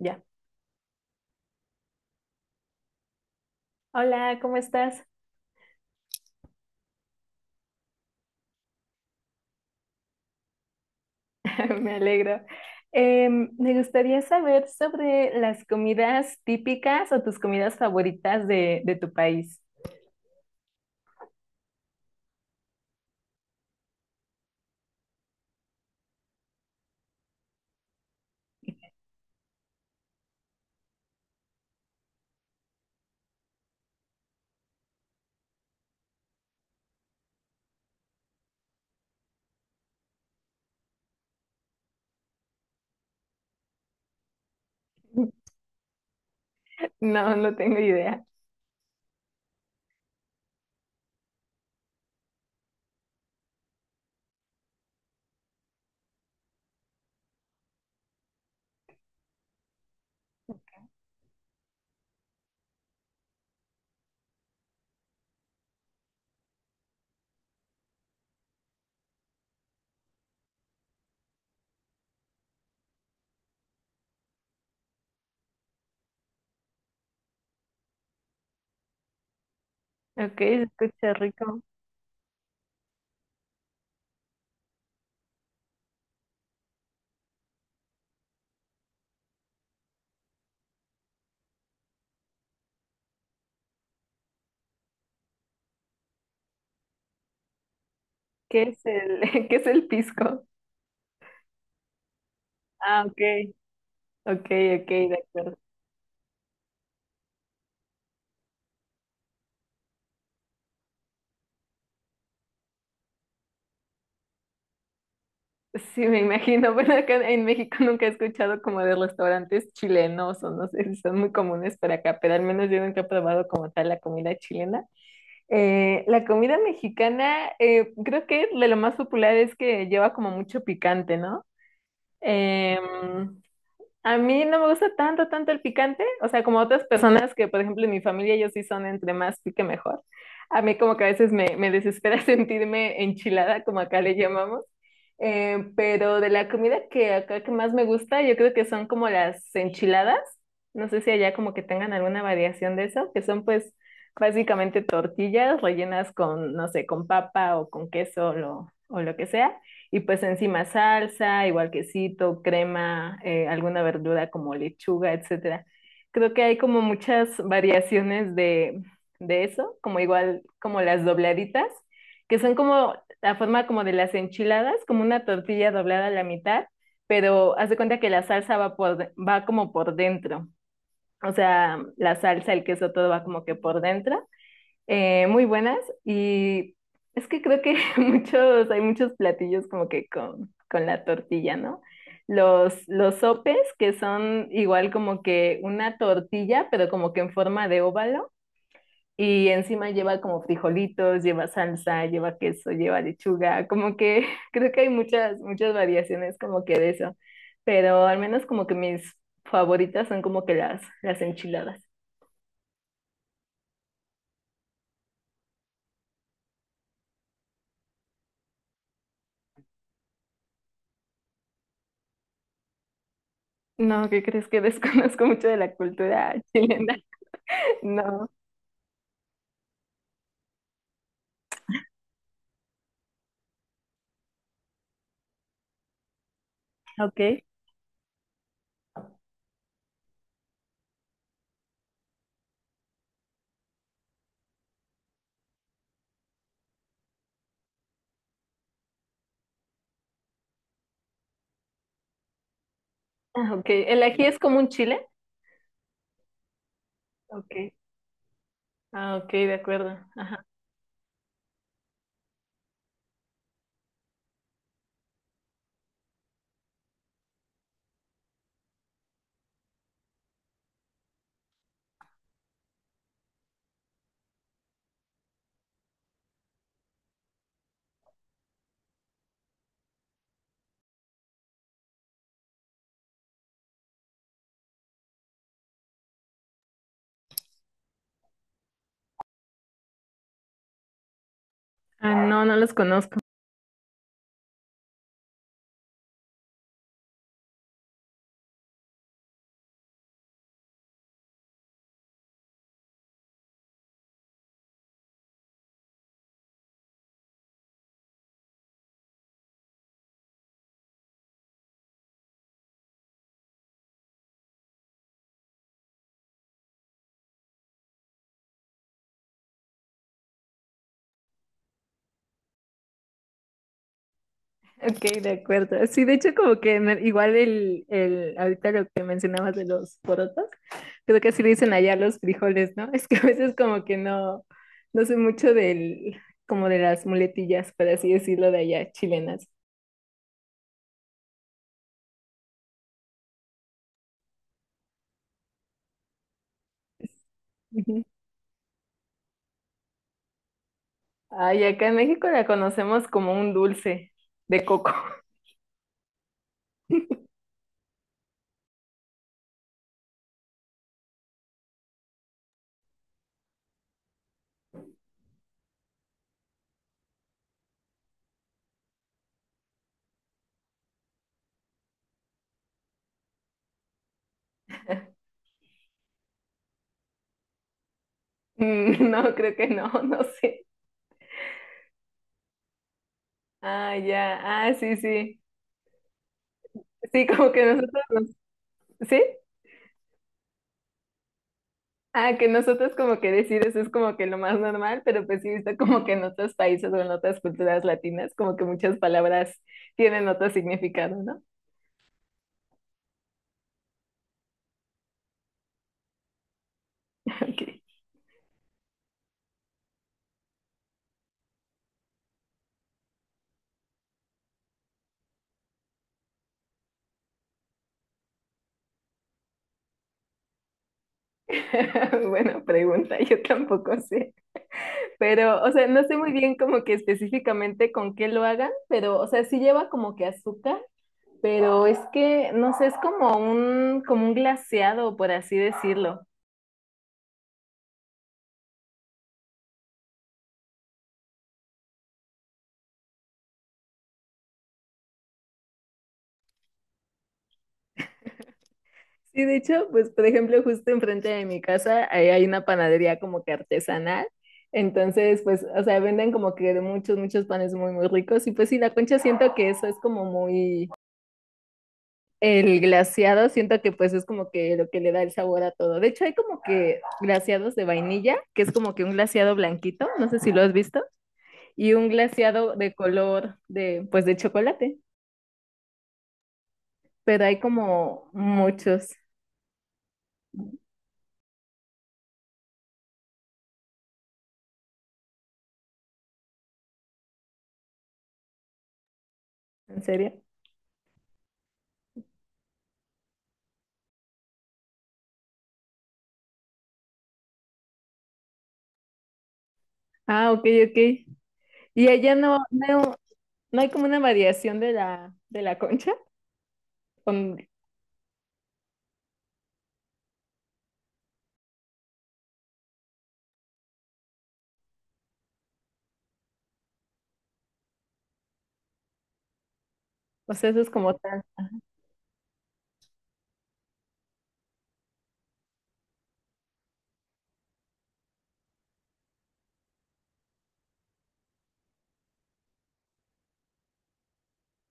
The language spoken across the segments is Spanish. Ya. Hola, ¿cómo estás? Me alegro. Me gustaría saber sobre las comidas típicas o tus comidas favoritas de tu país. No, no tengo idea. Ok, se escucha rico. ¿Qué es el, ¿Qué es el pisco? Ah, ok. Ok, ok, de acuerdo. Sí, me imagino. Bueno, acá en México nunca he escuchado como de restaurantes chilenos o no sé si son muy comunes para acá, pero al menos yo nunca he probado como tal la comida chilena. La comida mexicana, creo que de lo más popular es que lleva como mucho picante, ¿no? Em, a mí no me gusta tanto, tanto el picante, o sea, como otras personas que, por ejemplo, en mi familia ellos sí son entre más pique mejor. A mí como que a veces me desespera sentirme enchilada, como acá le llamamos. Pero de la comida que acá que más me gusta, yo creo que son como las enchiladas. No sé si allá como que tengan alguna variación de eso, que son pues básicamente tortillas rellenas con, no sé, con papa o con queso o lo que sea y pues encima salsa, igual quesito, crema, alguna verdura como lechuga, etcétera. Creo que hay como muchas variaciones de eso, como igual como las dobladitas, que son como la forma como de las enchiladas, como una tortilla doblada a la mitad, pero haz de cuenta que la salsa va como por dentro. O sea, la salsa, el queso, todo va como que por dentro. Muy buenas. Y es que creo que hay muchos platillos como que con, la tortilla, ¿no? Los sopes, que son igual como que una tortilla, pero como que en forma de óvalo, y encima lleva como frijolitos, lleva salsa, lleva queso, lleva lechuga, como que creo que hay muchas, muchas variaciones como que de eso, pero al menos como que mis favoritas son como que las enchiladas. No, ¿qué crees? Que Desconozco mucho de la cultura chilena. No. Ok. Ah, ok. ¿El ají es como un chile? Ok. Ah, ok, de acuerdo. Ajá. Ah, no, no los conozco. Ok, de acuerdo. Sí, de hecho, como que igual ahorita lo que mencionabas de los porotos, creo que así le dicen allá los frijoles, ¿no? Es que a veces como que no sé mucho del, como de las muletillas, por así decirlo, de allá, chilenas. Ujú. Ay, acá en México la conocemos como un dulce de coco. Mm, no, creo que no, no sé. Ah, ya. Ah, sí, sí. Sí, como que nosotros. ¿Sí? Ah, que nosotros como que decir eso es como que lo más normal, pero pues sí, he visto como que en otros países o en otras culturas latinas, como que muchas palabras tienen otro significado, ¿no? Ok. Buena pregunta, yo tampoco sé. Pero, o sea, no sé muy bien como que específicamente con qué lo hagan, pero, o sea, sí lleva como que azúcar, pero es que, no sé, es como un glaseado, por así decirlo. Sí, de hecho, pues por ejemplo, justo enfrente de mi casa ahí hay una panadería como que artesanal. Entonces, pues, o sea, venden como que de muchos, muchos panes muy, muy ricos. Y pues sí, la concha siento que eso es como muy el glaseado, siento que pues es como que lo que le da el sabor a todo. De hecho, hay como que glaseados de vainilla, que es como que un glaseado blanquito, no sé si lo has visto, y un glaseado de color de, pues de chocolate, pero hay como muchos. ¿En serio? Ah, ok, ok. Y allá no, no, no hay como una variación de la concha. Con- o sea, eso es como tan.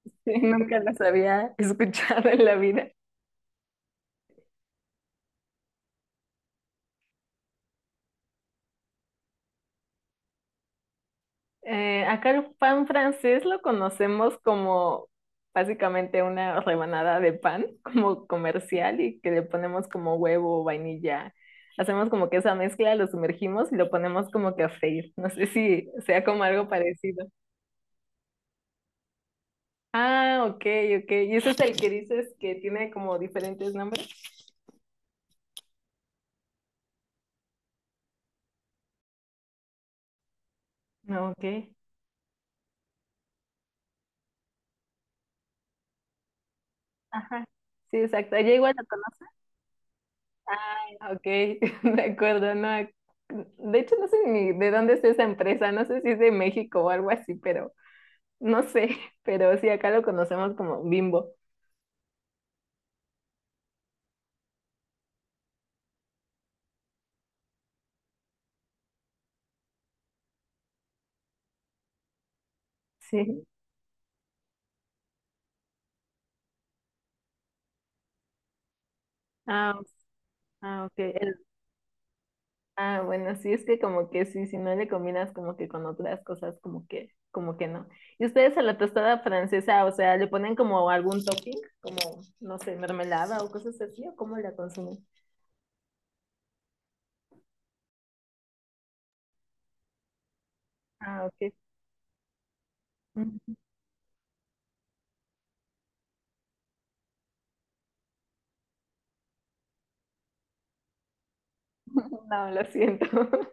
Sí, nunca las había escuchado en la vida. Acá el pan francés lo conocemos como básicamente una rebanada de pan, como comercial, y que le ponemos como huevo, vainilla. Hacemos como que esa mezcla, lo sumergimos y lo ponemos como que a freír. No sé si sea como algo parecido. Ah, ok, ok. ¿Y ese es el que dices que tiene como diferentes nombres? No, ok. Ajá. Sí, exacto. Ella igual lo conoce. Ah, ok, de acuerdo, no. De hecho, no sé ni de dónde es esa empresa, no sé si es de México o algo así, pero no sé, pero sí, acá lo conocemos como Bimbo. Sí. Ah, ah, ok. el- ah, bueno, sí, es que como que sí, si no le combinas como que con otras cosas, como que no. ¿Y ustedes a la tostada francesa, o sea, le ponen como algún topping, como, no sé, mermelada o cosas así, o cómo la consumen? Ah, ok. No, lo siento.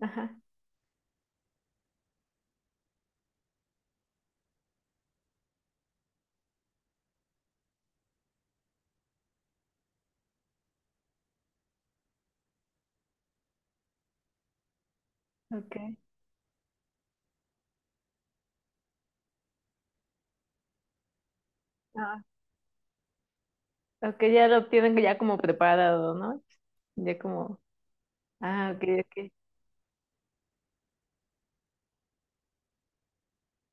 Ajá, ok. Ah, ok, ya lo tienen ya como preparado, ¿no? Ya como, ah, ok, ok.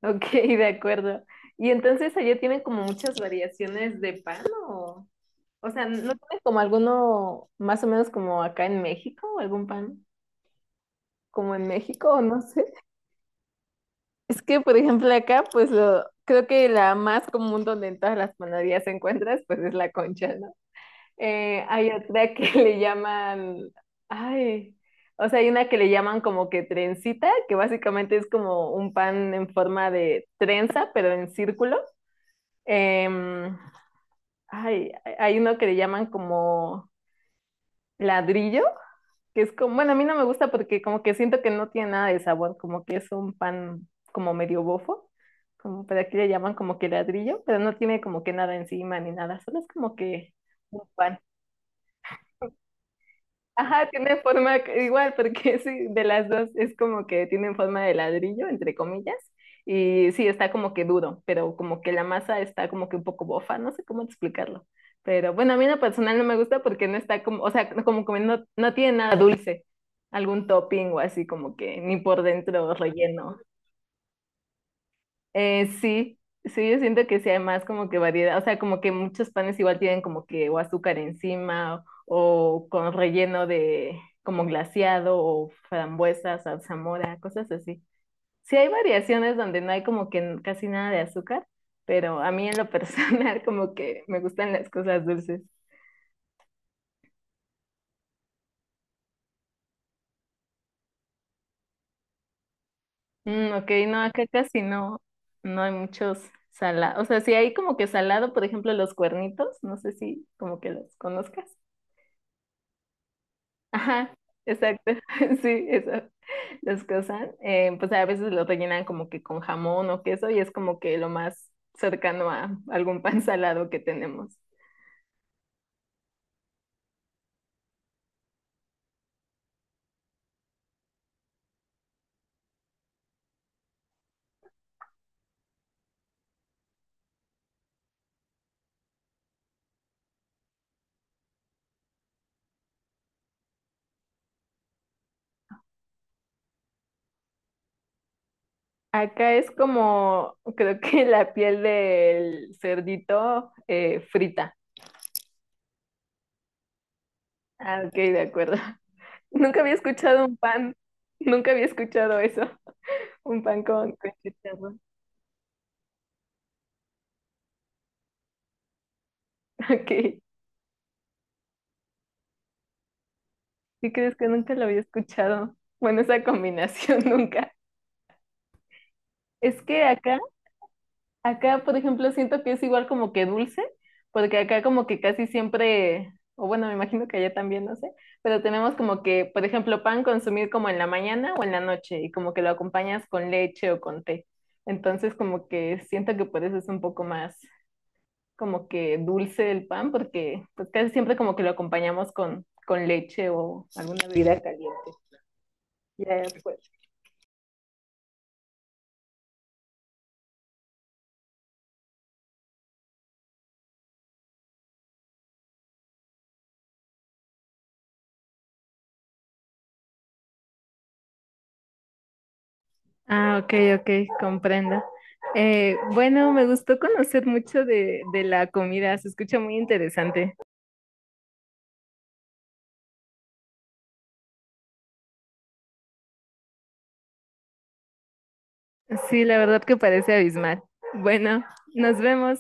Ok, de acuerdo. Y entonces allá tienen como muchas variaciones de pan o sea, ¿no tienen como alguno más o menos como acá en México o algún pan como en México o no sé? Es que, por ejemplo, acá pues creo que la más común donde en todas las panaderías encuentras pues es la concha, ¿no? Hay otra que le llaman, ay, o sea, hay una que le llaman como que trencita, que básicamente es como un pan en forma de trenza, pero en círculo. Em, ay, hay uno que le llaman como ladrillo, que es como, bueno, a mí no me gusta porque como que siento que no tiene nada de sabor, como que es un pan como medio bofo, como, pero aquí le llaman como que ladrillo, pero no tiene como que nada encima ni nada, solo es como que un pan. Ajá, tiene forma igual, porque sí, de las dos es como que tienen forma de ladrillo, entre comillas, y sí, está como que duro, pero como que la masa está como que un poco bofa, no sé cómo explicarlo. Pero bueno, a mí en lo personal no me gusta porque no está como, o sea, como que no tiene nada dulce, algún topping o así como que ni por dentro relleno. Sí, sí, yo siento que sí hay más como que variedad, o sea, como que muchos panes igual tienen como que o azúcar encima o con relleno de como glaseado o frambuesas, zarzamora, cosas así. Sí hay variaciones donde no hay como que casi nada de azúcar, pero a mí en lo personal como que me gustan las cosas dulces. Mm, ok, no, acá casi no hay muchos salados, o sea, sí hay como que salado, por ejemplo, los cuernitos, no sé si como que los conozcas. Ajá, exacto. Sí, eso. Los cosan. Pues a veces lo rellenan como que con jamón o queso y es como que lo más cercano a algún pan salado que tenemos. Acá es como, creo que la piel del cerdito frita. Ah, ok, de acuerdo. Nunca había escuchado un pan, nunca había escuchado eso, un pan con, chicharrón. Ok, ¿sí crees que nunca lo había escuchado? Bueno, esa combinación nunca. Es que acá. Acá, por ejemplo, siento que es igual como que dulce, porque acá como que casi siempre, o bueno, me imagino que allá también, no sé, pero tenemos como que, por ejemplo, pan consumir como en la mañana o en la noche y como que lo acompañas con leche o con té. Entonces como que siento que por eso es un poco más como que dulce el pan, porque pues casi siempre como que lo acompañamos con, leche o alguna bebida caliente. Ya, pues. Ah, ok, ok, comprendo. Bueno, me gustó conocer mucho de la comida, se escucha muy interesante. Sí, la verdad que parece abismal. Bueno, nos vemos.